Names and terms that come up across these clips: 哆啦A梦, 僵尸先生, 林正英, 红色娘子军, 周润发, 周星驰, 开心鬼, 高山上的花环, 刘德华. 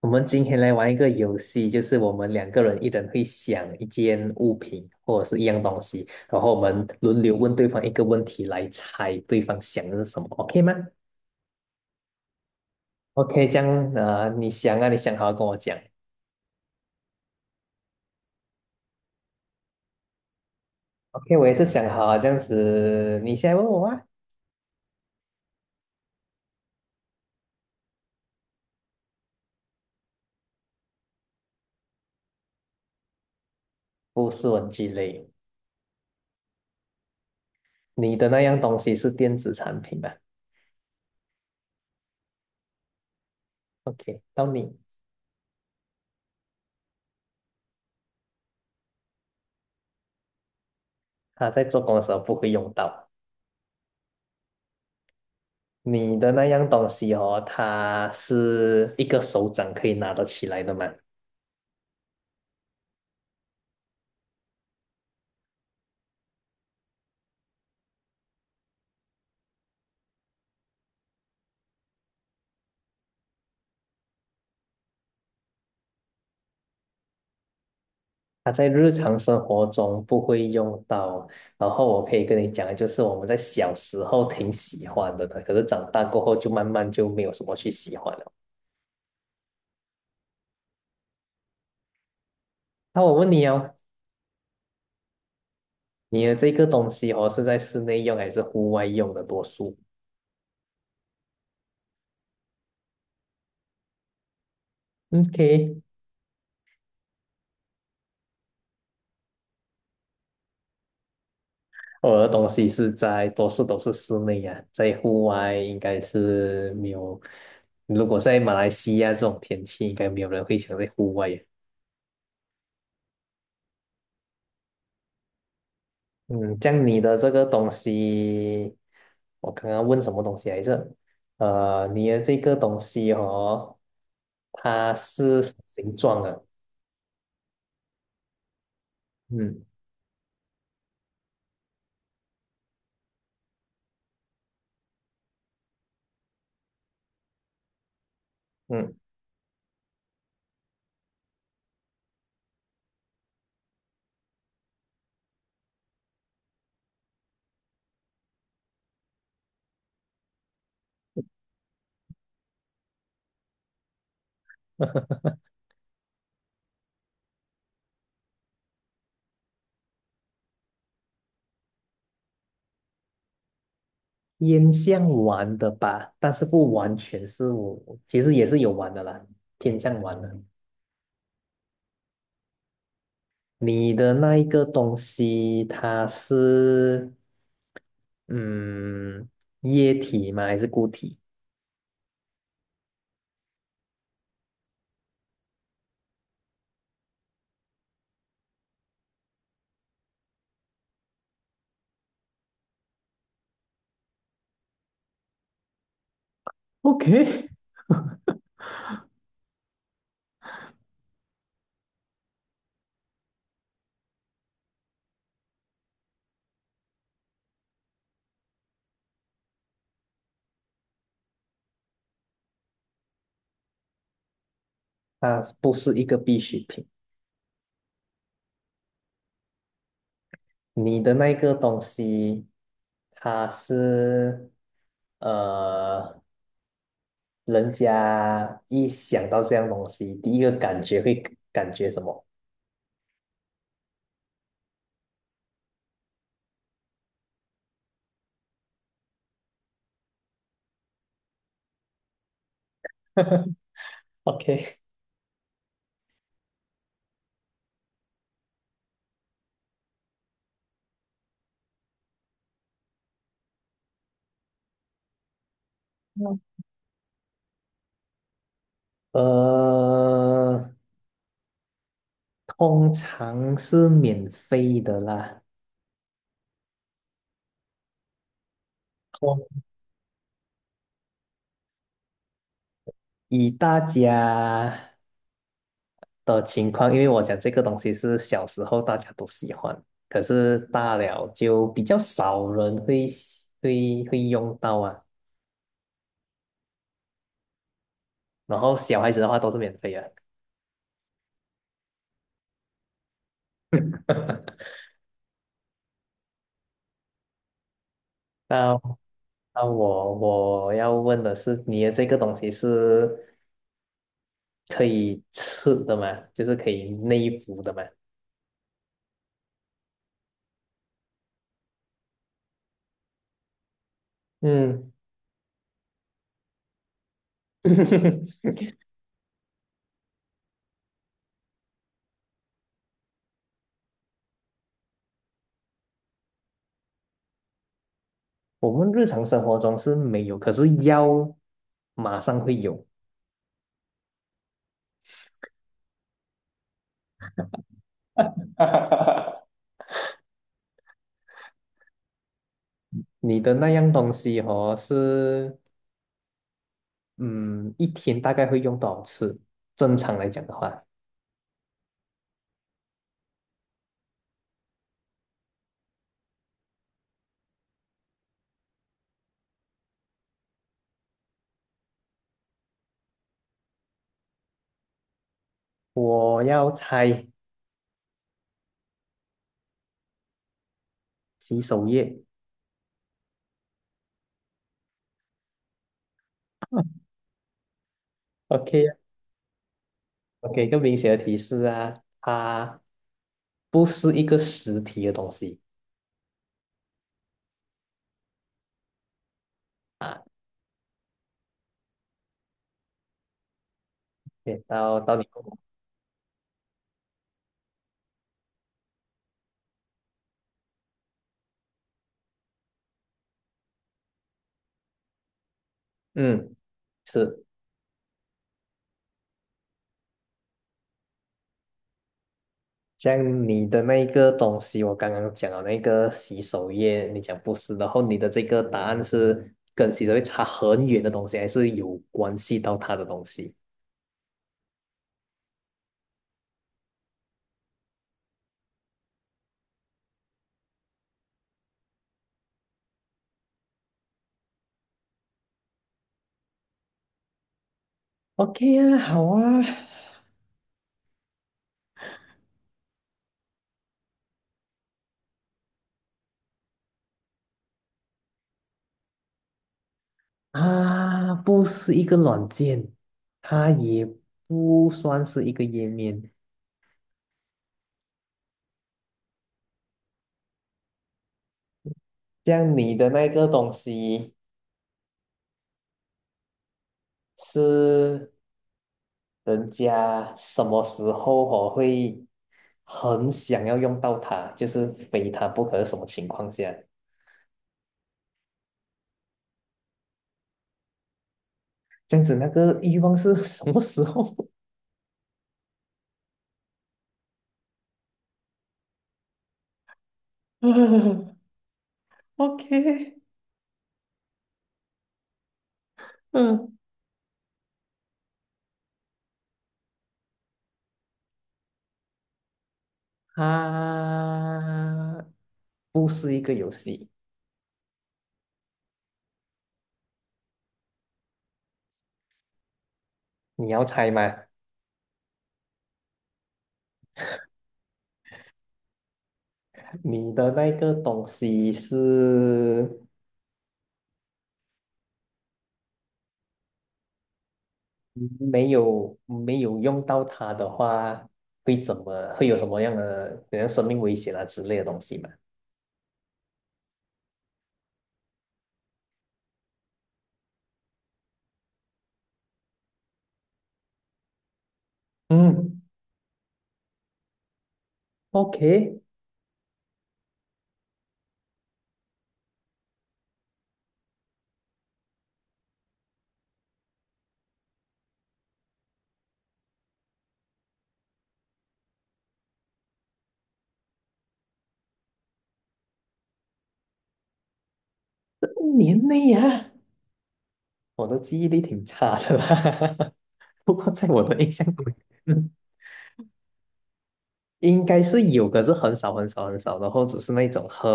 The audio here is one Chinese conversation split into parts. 我们今天来玩一个游戏，就是我们两个人一人会想一件物品或者是一样东西，然后我们轮流问对方一个问题来猜对方想的是什么，OK 吗？OK，这样你想啊，你想好跟我讲。OK，我也是想好啊，这样子，你先问我啊，不是文具类，你的那样东西是电子产品吧？OK，到你，他在做工的时候不会用到。你的那样东西哦，它是一个手掌可以拿得起来的吗？它在日常生活中不会用到，然后我可以跟你讲，就是我们在小时候挺喜欢的，可是长大过后就慢慢就没有什么去喜欢了。那我问你哦，你的这个东西哦是在室内用还是户外用的多数？OK，我的东西是在多数都是室内呀、在户外应该是没有。如果在马来西亚这种天气，应该没有人会想在户外呀。嗯，像你的这个东西，我刚刚问什么东西来着？你的这个东西哦，它是什么形状的，嗯嗯，烟像玩的吧，但是不完全是我，其实也是有玩的啦，偏向玩的。你的那一个东西，它是嗯液体吗？还是固体？OK，它不是一个必需品。你的那个东西，它是呃，人家一想到这样东西，第一个感觉会感觉什么 ？OK，嗯呃，通常是免费的啦。通以大家的情况，因为我讲这个东西是小时候大家都喜欢，可是大了就比较少人会会用到啊。然后小孩子的话都是免费的。那那我我要问的是，你的这个东西是可以吃的吗？就是可以内服的吗？嗯，我们日常生活中是没有，可是药马上会有。你的那样东西哦，是嗯，一天大概会用多少次？正常来讲的话，我要猜洗手液。OK，我给一个明显的提示啊，它不是一个实体的东西啊。对，到你，嗯，是。像你的那一个东西，我刚刚讲了那个洗手液，你讲不是，然后你的这个答案是跟洗手液差很远的东西，还是有关系到它的东西？OK 啊，好啊，啊，不是一个软件，它也不算是一个页面。像你的那个东西是人家什么时候我会很想要用到它，就是非它不可，什么情况下？这样子那个欲望是什么时候 嗯？OK，嗯，它不是一个游戏，你要猜吗？你的那个东西是没有用到它的话，会怎么会有什么样的，比如生命危险啊之类的东西吗？嗯，OK，一年内呀、我的记忆力挺差的啦。不过在我的印象中，嗯应该是有，可是很少很少很少，然后只是那种很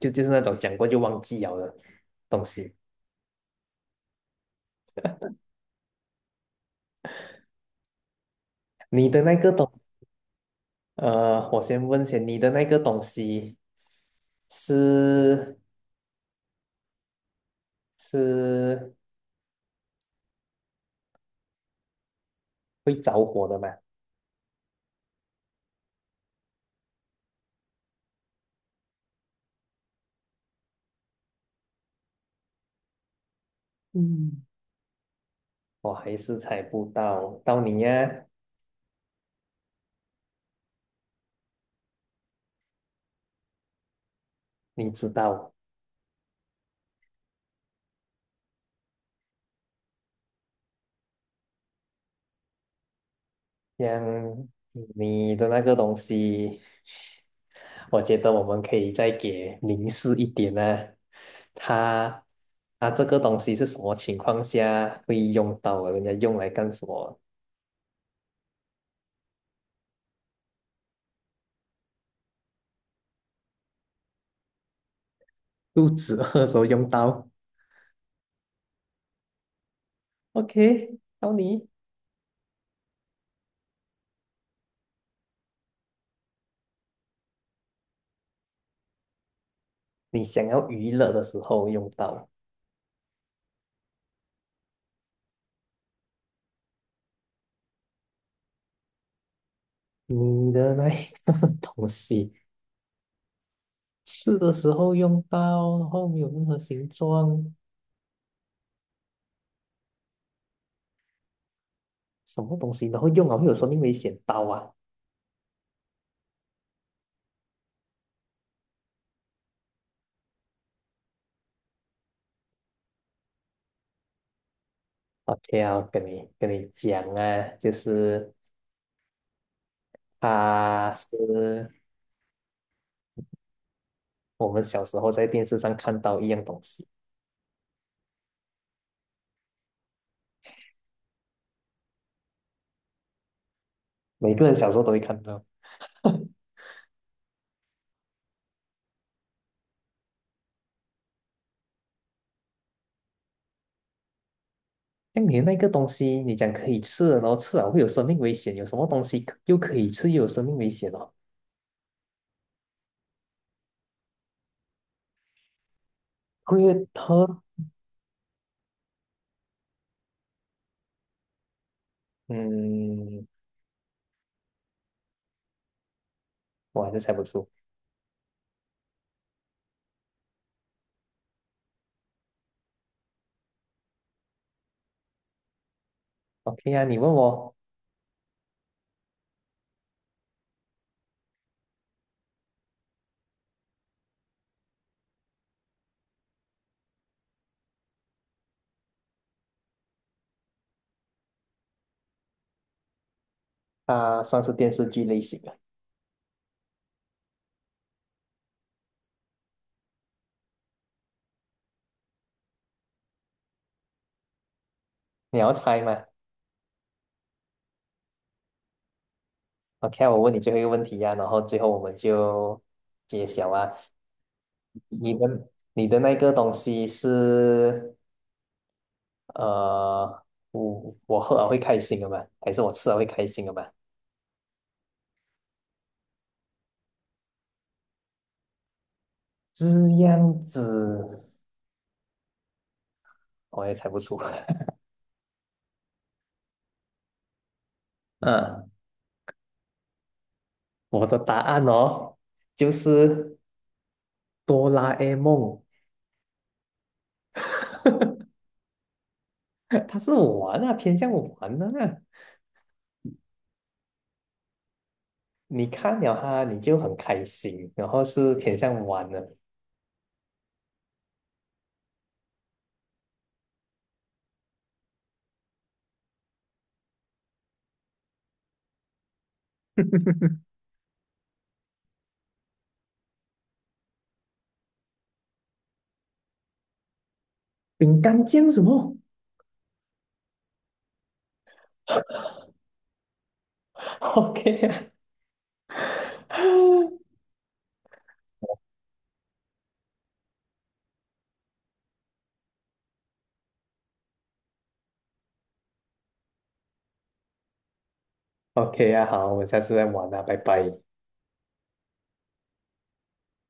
就是那种讲过就忘记了的东西。你的那个东，我先问下你的那个东西是是会着火的吗？嗯，我还是猜不到，到你呀，你知道。像你的那个东西，我觉得我们可以再给凝视一点呢、它它这个东西是什么情况下会用到啊？人家用来干什么？肚子饿的时候用到。OK，到你，你想要娱乐的时候用到。你的那一个 东西，吃的时候用到，然后没有任何形状，什么东西，然后用了会有生命危险，刀啊！OK，要跟你讲啊，就是它是我们小时候在电视上看到一样东西，每个人小时候都会看到。像你的那个东西，你讲可以吃的，然后吃了会有生命危险，有什么东西可可以吃又有生命危险哦？会喝？嗯，我还是猜不出。OK 啊，你问我，啊，算是电视剧类型的，你要猜吗？OK，啊我问你最后一个问题呀、然后最后我们就揭晓啊。你的你的那个东西是呃，我喝了会开心的吗？还是我吃了会开心的吗？这样子我也猜不出。嗯，我的答案哦，就是哆啦 A 梦，它是玩啊，偏向玩的啊。你看了它，你就很开心，然后是偏向玩的。饼干酱什么 ？OK 啊 ，OK 啊，好，我们下次再玩啊，拜拜。